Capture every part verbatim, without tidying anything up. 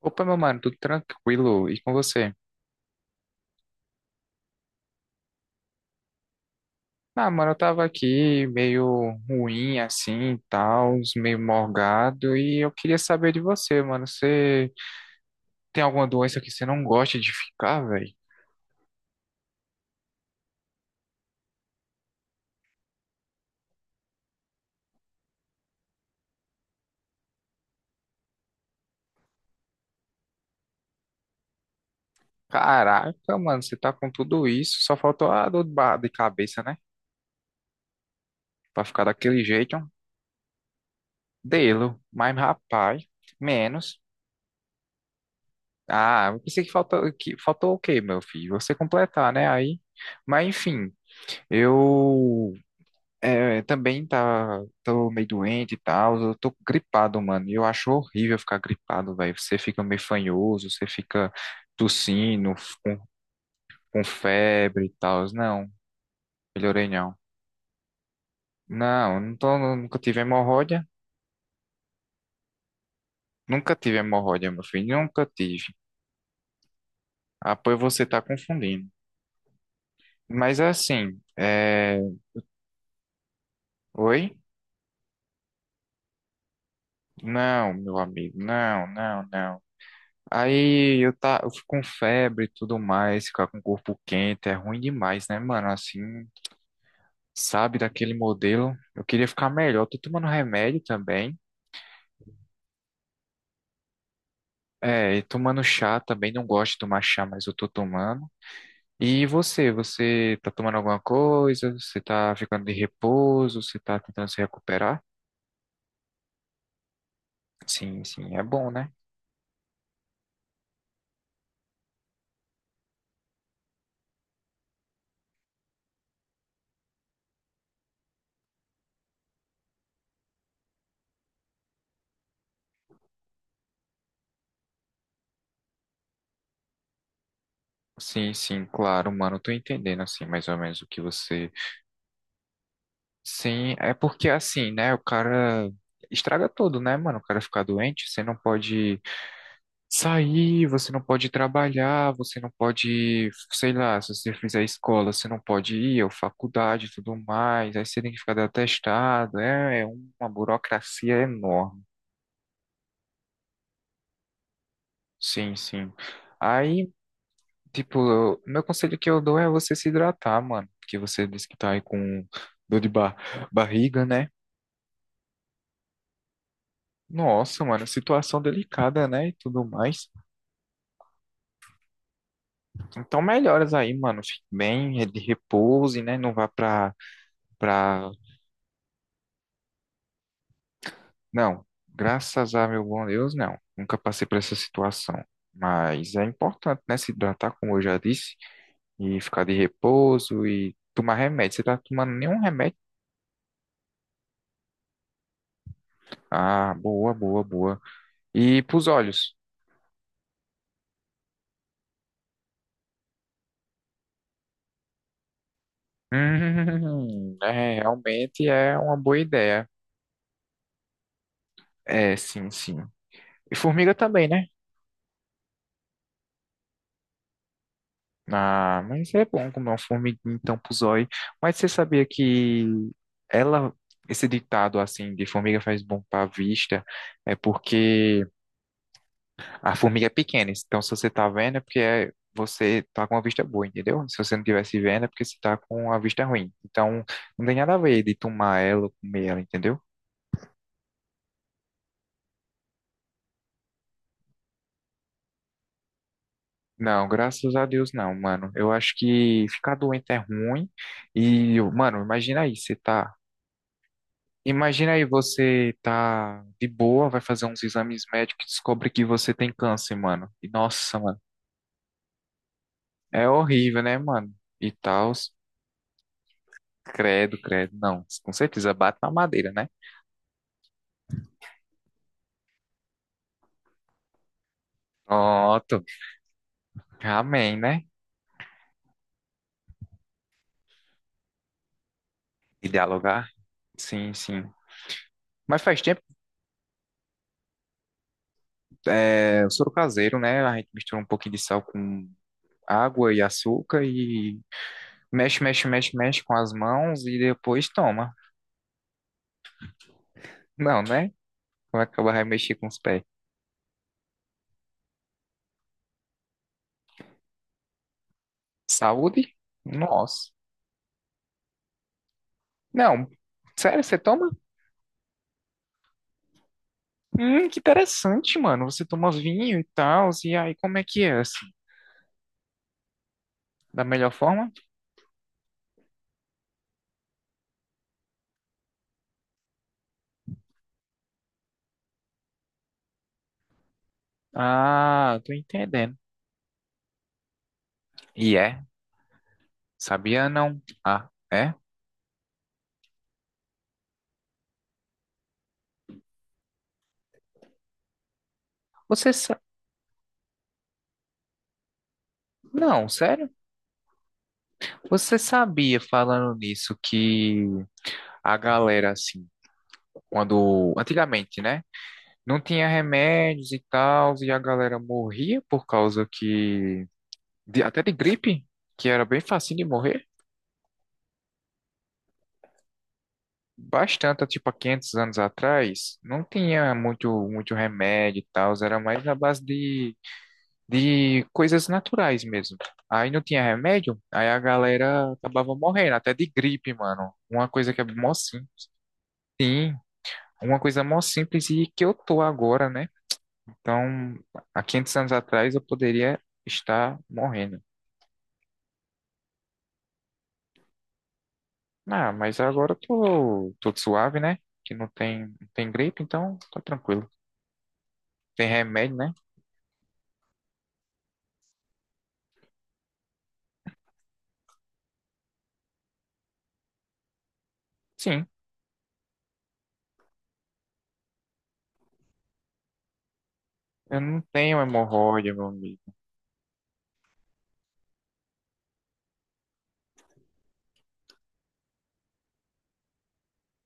Opa, meu mano, tudo tranquilo? E com você? Ah, mano, eu tava aqui meio ruim assim, e tal, meio morgado, e eu queria saber de você, mano. Você tem alguma doença que você não gosta de ficar, velho? Caraca, mano, você tá com tudo isso, só faltou a dor de ba- de cabeça, né? Pra ficar daquele jeito, um delo, mas rapaz, menos. Ah, eu pensei que faltou, que faltou o quê, meu filho? Você completar, né? Aí, mas enfim, eu. É, é, também tá, tô meio doente e tal, eu tô gripado, mano, e eu acho horrível ficar gripado, velho, você fica meio fanhoso, você fica tossindo, f- com, com febre e tal, não, melhorei não. Não, não tô, nunca tive hemorroida, nunca tive hemorroida, meu filho, nunca tive. Ah, pois você tá confundindo. Mas é assim, é... Oi? Não, meu amigo, não, não, não. Aí eu, tá, eu fico com febre e tudo mais, ficar com o corpo quente é ruim demais, né, mano? Assim, sabe, daquele modelo. Eu queria ficar melhor. Tô tomando remédio também. É, e tomando chá também. Não gosto de tomar chá, mas eu tô tomando. E você? Você tá tomando alguma coisa? Você tá ficando de repouso? Você tá tentando se recuperar? Sim, sim, é bom, né? Sim, sim, claro, mano. Eu Tô entendendo, assim, mais ou menos o que você. Sim, é porque assim, né? O cara estraga tudo, né, mano? O cara fica doente, você não pode sair, você não pode trabalhar, você não pode, sei lá, se você fizer escola, você não pode ir, ou faculdade e tudo mais, aí você tem que ficar dando atestado, é, é uma burocracia enorme. Sim, sim. Aí, tipo, eu- meu conselho que eu dou é você se hidratar, mano, porque você disse que tá aí com dor de ba barriga, né? Nossa, mano, situação delicada, né? E tudo mais. Então, melhoras aí, mano. Fique bem, de repouse, né? Não vá pra, pra... Não, graças a meu bom Deus, não. Nunca passei por essa situação. Mas é importante, né? Se hidratar, como eu já disse, e ficar de repouso e tomar remédio. Você tá tomando nenhum remédio? Ah, boa, boa, boa. E pros olhos? Hum, é, realmente é uma boa ideia. É, sim, sim. E formiga também, né? Ah, mas é bom comer uma formiguinha então pro zóio. Mas você sabia que ela, esse ditado assim de formiga faz bom pra vista, é porque a formiga é pequena. Então se você tá vendo é porque é- você tá com a vista boa, entendeu? Se você não tivesse vendo é porque você tá com a vista ruim. Então não tem nada a ver de tomar ela ou comer ela, entendeu? Não, graças a Deus não, mano. Eu acho que ficar doente é ruim. E, mano, imagina aí, você tá. Imagina aí você tá de boa, vai fazer uns exames médicos e descobre que você tem câncer, mano. E nossa, mano, é horrível, né, mano? E tal, credo, credo. Não, com certeza bate na madeira, né? Pronto. Amém, né? E dialogar? Sim, sim. Mas faz tempo, é, o soro caseiro, né? A gente mistura um pouquinho de sal com água e açúcar e mexe, mexe, mexe, mexe com as mãos e depois toma. Não, né? Vai acabar vai mexer com os pés. Saúde? Nossa. Não, sério, você toma? Hum, que interessante, mano. Você toma vinho e tal, e aí como é que é, assim? Da melhor forma? Ah, tô entendendo. E é? Sabia não? Ah, é? Você sa... Não, sério? Você sabia, falando nisso, que a galera, assim, quando... Antigamente, né? Não tinha remédios e tal, e a galera morria por causa que... de- Até de gripe, que era bem facinho de morrer. Bastante, tipo, há quinhentos anos atrás, não tinha muito, muito remédio e tal, era mais na base de, de coisas naturais mesmo. Aí não tinha remédio, aí a galera acabava morrendo, até de gripe, mano. Uma coisa que é mó simples. Sim, uma coisa mó simples e que eu tô agora, né? Então, há quinhentos anos atrás eu poderia estar morrendo. Ah, mas agora eu tô, tô suave, né? Que não tem, não tem gripe, então tá tranquilo. Tem remédio, né? Sim. Eu não tenho hemorroida, meu amigo.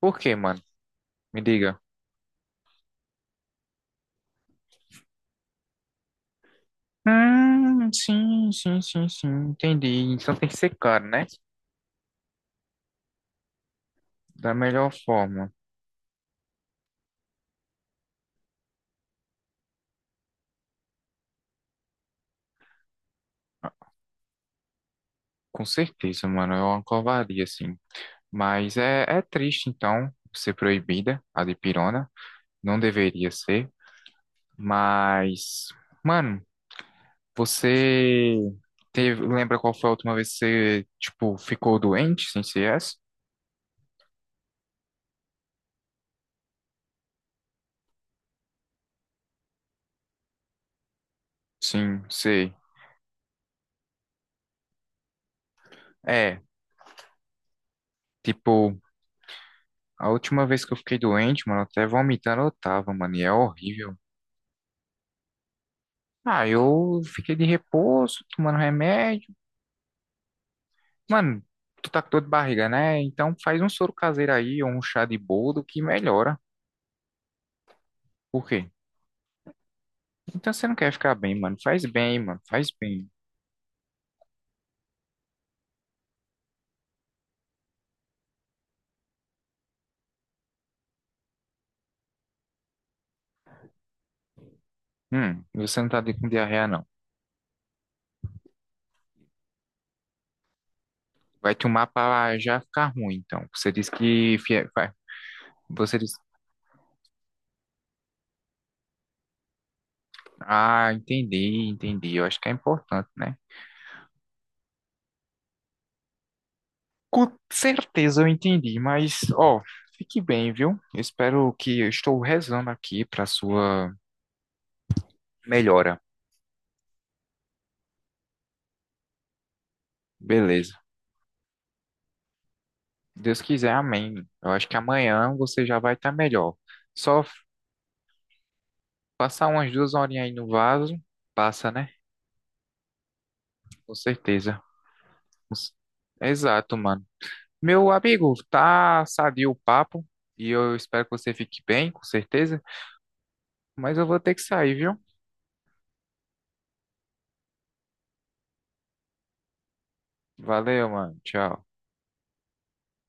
Por quê, mano? Me diga. Hum, sim, sim, sim, sim. Entendi. Então tem que ser caro, né? Da melhor forma. Com certeza, mano. É uma covardia, assim. Mas é, é triste, então, ser proibida a dipirona. Não deveria ser. Mas, mano, você teve, lembra qual foi a última vez que você, tipo, ficou doente sem C S? Sim, sei. É, tipo. A última vez que eu fiquei doente, mano, até vomitando eu tava, mano, e é horrível. Ah, eu fiquei de repouso, tomando remédio. Mano, tu tá com dor de barriga, né? Então faz um soro caseiro aí, ou um chá de boldo que melhora. Por quê? Então você não quer ficar bem, mano. Faz bem, mano, faz bem. Hum, você não tá de- com diarreia, não. Vai tomar pra já ficar ruim, então. Você disse que... fie- vai- Você disse... Ah, entendi, entendi. Eu acho que é importante, né? Com certeza eu entendi, mas ó, fique bem, viu? Eu espero que eu estou rezando aqui para sua melhora. Beleza. Deus quiser, amém. Eu acho que amanhã você já vai estar melhor. Só f- Passar umas duas horinhas aí no vaso, passa, né? Com certeza. Cons- Exato, mano. Meu amigo, tá sadio o papo e eu espero que você fique bem, com certeza. Mas eu vou ter que sair, viu? Valeu, mano. Tchau.